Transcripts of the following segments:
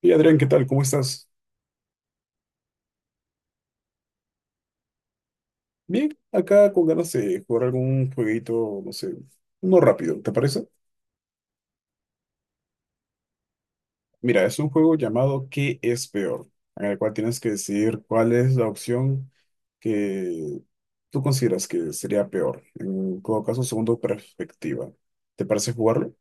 Hey Adrián, ¿qué tal? ¿Cómo estás? Bien, acá con ganas de jugar algún jueguito, no sé, uno rápido, ¿te parece? Mira, es un juego llamado ¿Qué es peor? En el cual tienes que decidir cuál es la opción que tú consideras que sería peor, en todo caso, según tu perspectiva. ¿Te parece jugarlo?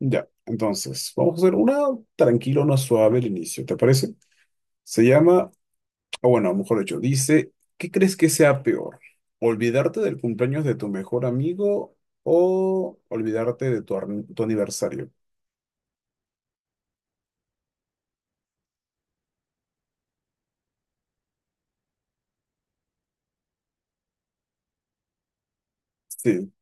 Ya, entonces, vamos a hacer una tranquila, una suave al inicio, ¿te parece? Se llama... O bueno, mejor dicho, dice, ¿qué crees que sea peor? ¿Olvidarte del cumpleaños de tu mejor amigo o olvidarte de tu, tu aniversario? Sí,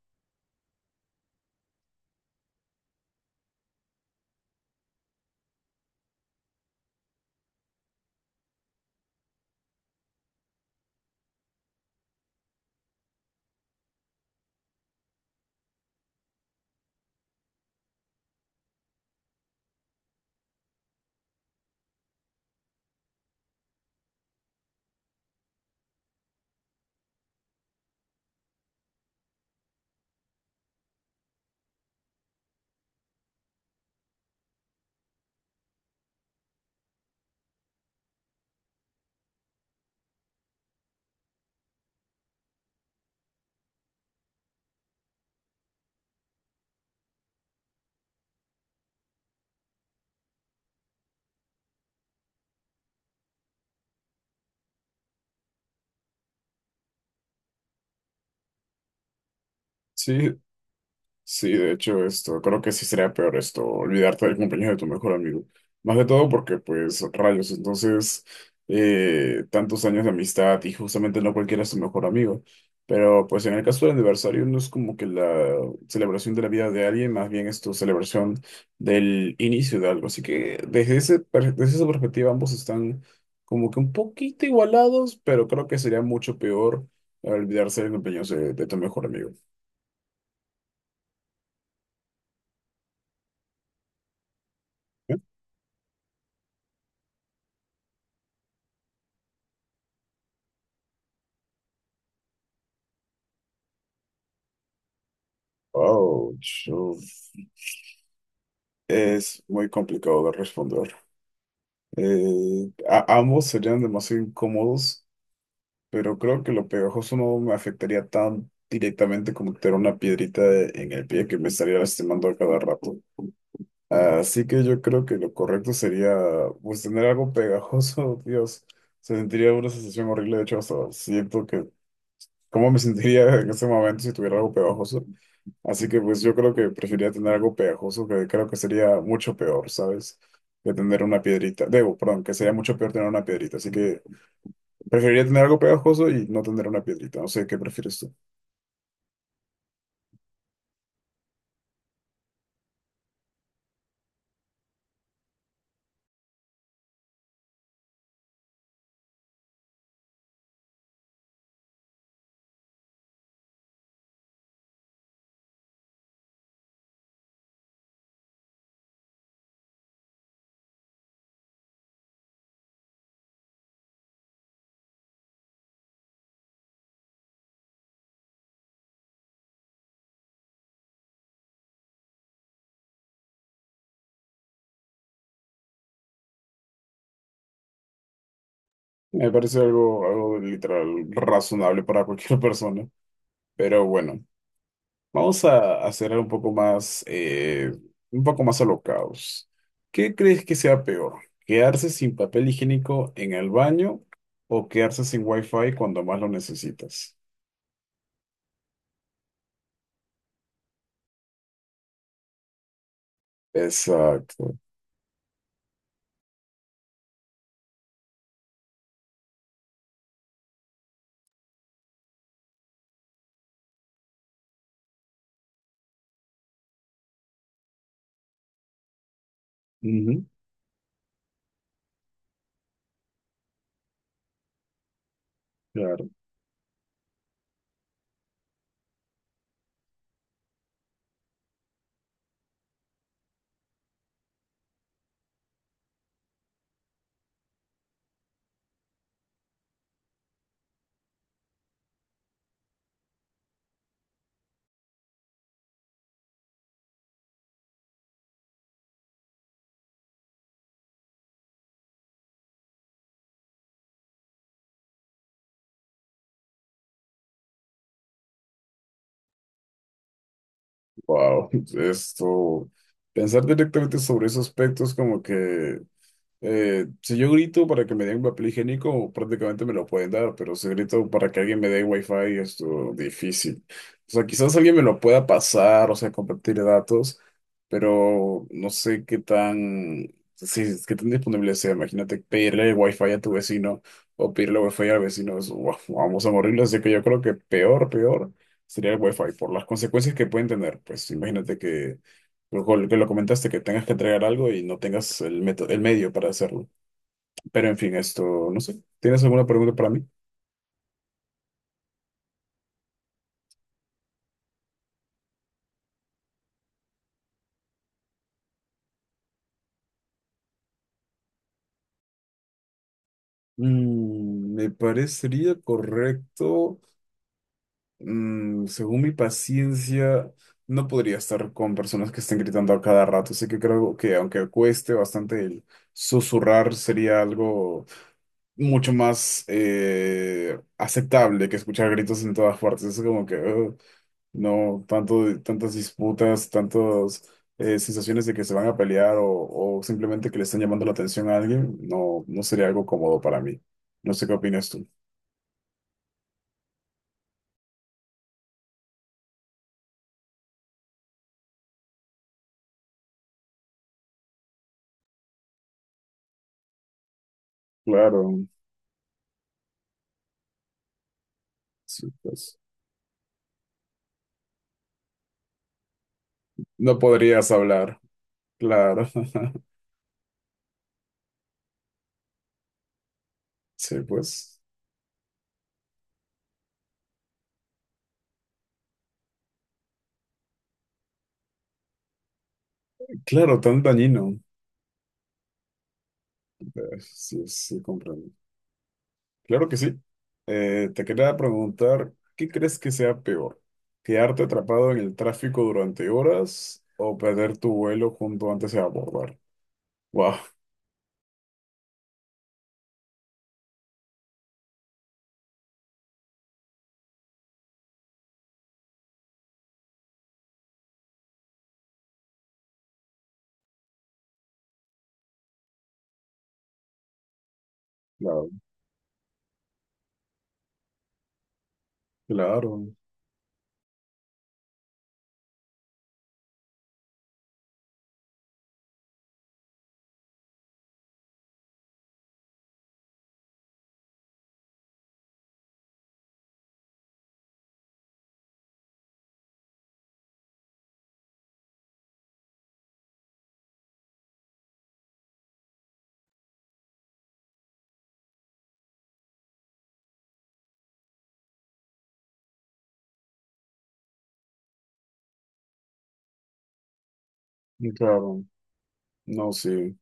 sí. Sí, de hecho, esto, creo que sí sería peor esto, olvidarte del cumpleaños de tu mejor amigo. Más de todo porque, pues, rayos, entonces, tantos años de amistad y justamente no cualquiera es tu mejor amigo. Pero, pues, en el caso del aniversario no es como que la celebración de la vida de alguien, más bien es tu celebración del inicio de algo. Así que, desde esa perspectiva, ambos están como que un poquito igualados, pero creo que sería mucho peor olvidarse del cumpleaños de tu mejor amigo. Wow, es muy complicado de responder. Ambos serían demasiado incómodos, pero creo que lo pegajoso no me afectaría tan directamente como tener una piedrita en el pie que me estaría lastimando a cada rato. Así que yo creo que lo correcto sería, pues, tener algo pegajoso. Dios. Se sentiría una sensación horrible, de hecho, hasta siento que... ¿Cómo me sentiría en ese momento si tuviera algo pegajoso? Así que pues yo creo que preferiría tener algo pegajoso, que creo que sería mucho peor, ¿sabes? Que tener una piedrita. Debo, perdón, que sería mucho peor tener una piedrita. Así que preferiría tener algo pegajoso y no tener una piedrita. No sé, ¿qué prefieres tú? Me parece algo, algo literal razonable para cualquier persona. Pero bueno. Vamos a hacer un poco más alocados. ¿Qué crees que sea peor? ¿Quedarse sin papel higiénico en el baño o quedarse sin wifi cuando más lo necesitas? Exacto. Ujú. Claro. Wow. Esto, pensar directamente sobre esos aspectos como que... Si yo grito para que me den papel higiénico, prácticamente me lo pueden dar, pero si grito para que alguien me dé wifi, es difícil. O sea, quizás alguien me lo pueda pasar, o sea, compartir datos, pero no sé qué tan, si es- qué tan disponible sea. Imagínate pedirle wifi a tu vecino o pedirle wifi al vecino, es, "Guau, vamos a morirlo". Así que yo creo que peor, peor sería el wifi por las consecuencias que pueden tener. Pues imagínate que que lo comentaste, que tengas que entregar algo y no tengas el método, el medio para hacerlo. Pero en fin, esto, no sé. ¿Tienes alguna pregunta para mí? Mm, me parecería correcto. Mm, según mi paciencia, no podría estar con personas que estén gritando a cada rato. Así que creo que aunque cueste bastante el susurrar, sería algo mucho más aceptable que escuchar gritos en todas partes. Es como que... "Ugh". No, tanto, tantas disputas, tantas sensaciones de que se van a pelear o simplemente que le están llamando la atención a alguien, no, no sería algo cómodo para mí. No sé qué opinas tú. Claro, sí, pues. No podrías hablar. Claro, sí, pues. Claro, tan dañino. Sí, sí, comprendo. Claro que sí. Te quería preguntar, ¿qué crees que sea peor? ¿Quedarte atrapado en el tráfico durante horas o perder tu vuelo junto antes de abordar? Wow. Claro, claro, claro. No sé.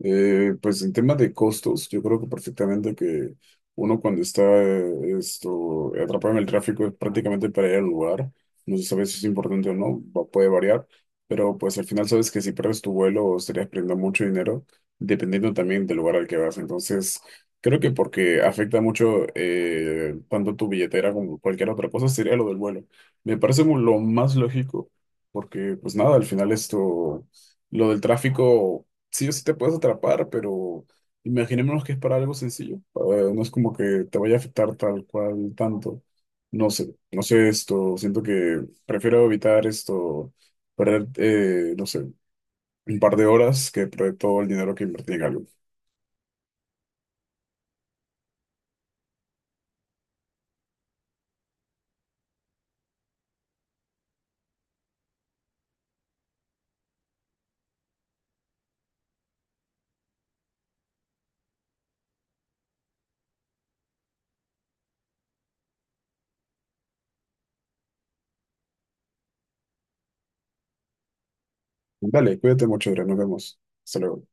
Pues en tema de costos, yo creo que perfectamente que uno cuando está esto, atrapado en el tráfico es prácticamente para ir al lugar. No se sabe si es importante o no, puede variar, pero pues al final sabes que si pierdes tu vuelo estarías perdiendo mucho dinero, dependiendo también del lugar al que vas. Entonces, creo que porque afecta mucho tanto tu billetera como cualquier otra cosa, sería lo del vuelo. Me parece lo más lógico, porque pues nada, al final esto, lo del tráfico sí o sí te puedes atrapar, pero imaginémonos que es para algo sencillo. No es como que te vaya a afectar tal cual tanto. No sé, no sé esto. Siento que prefiero evitar esto, perder, no sé, un par de horas que perder todo el dinero que invertí en algo. Dale, cuídate mucho, Adrián. Nos vemos. Hasta luego.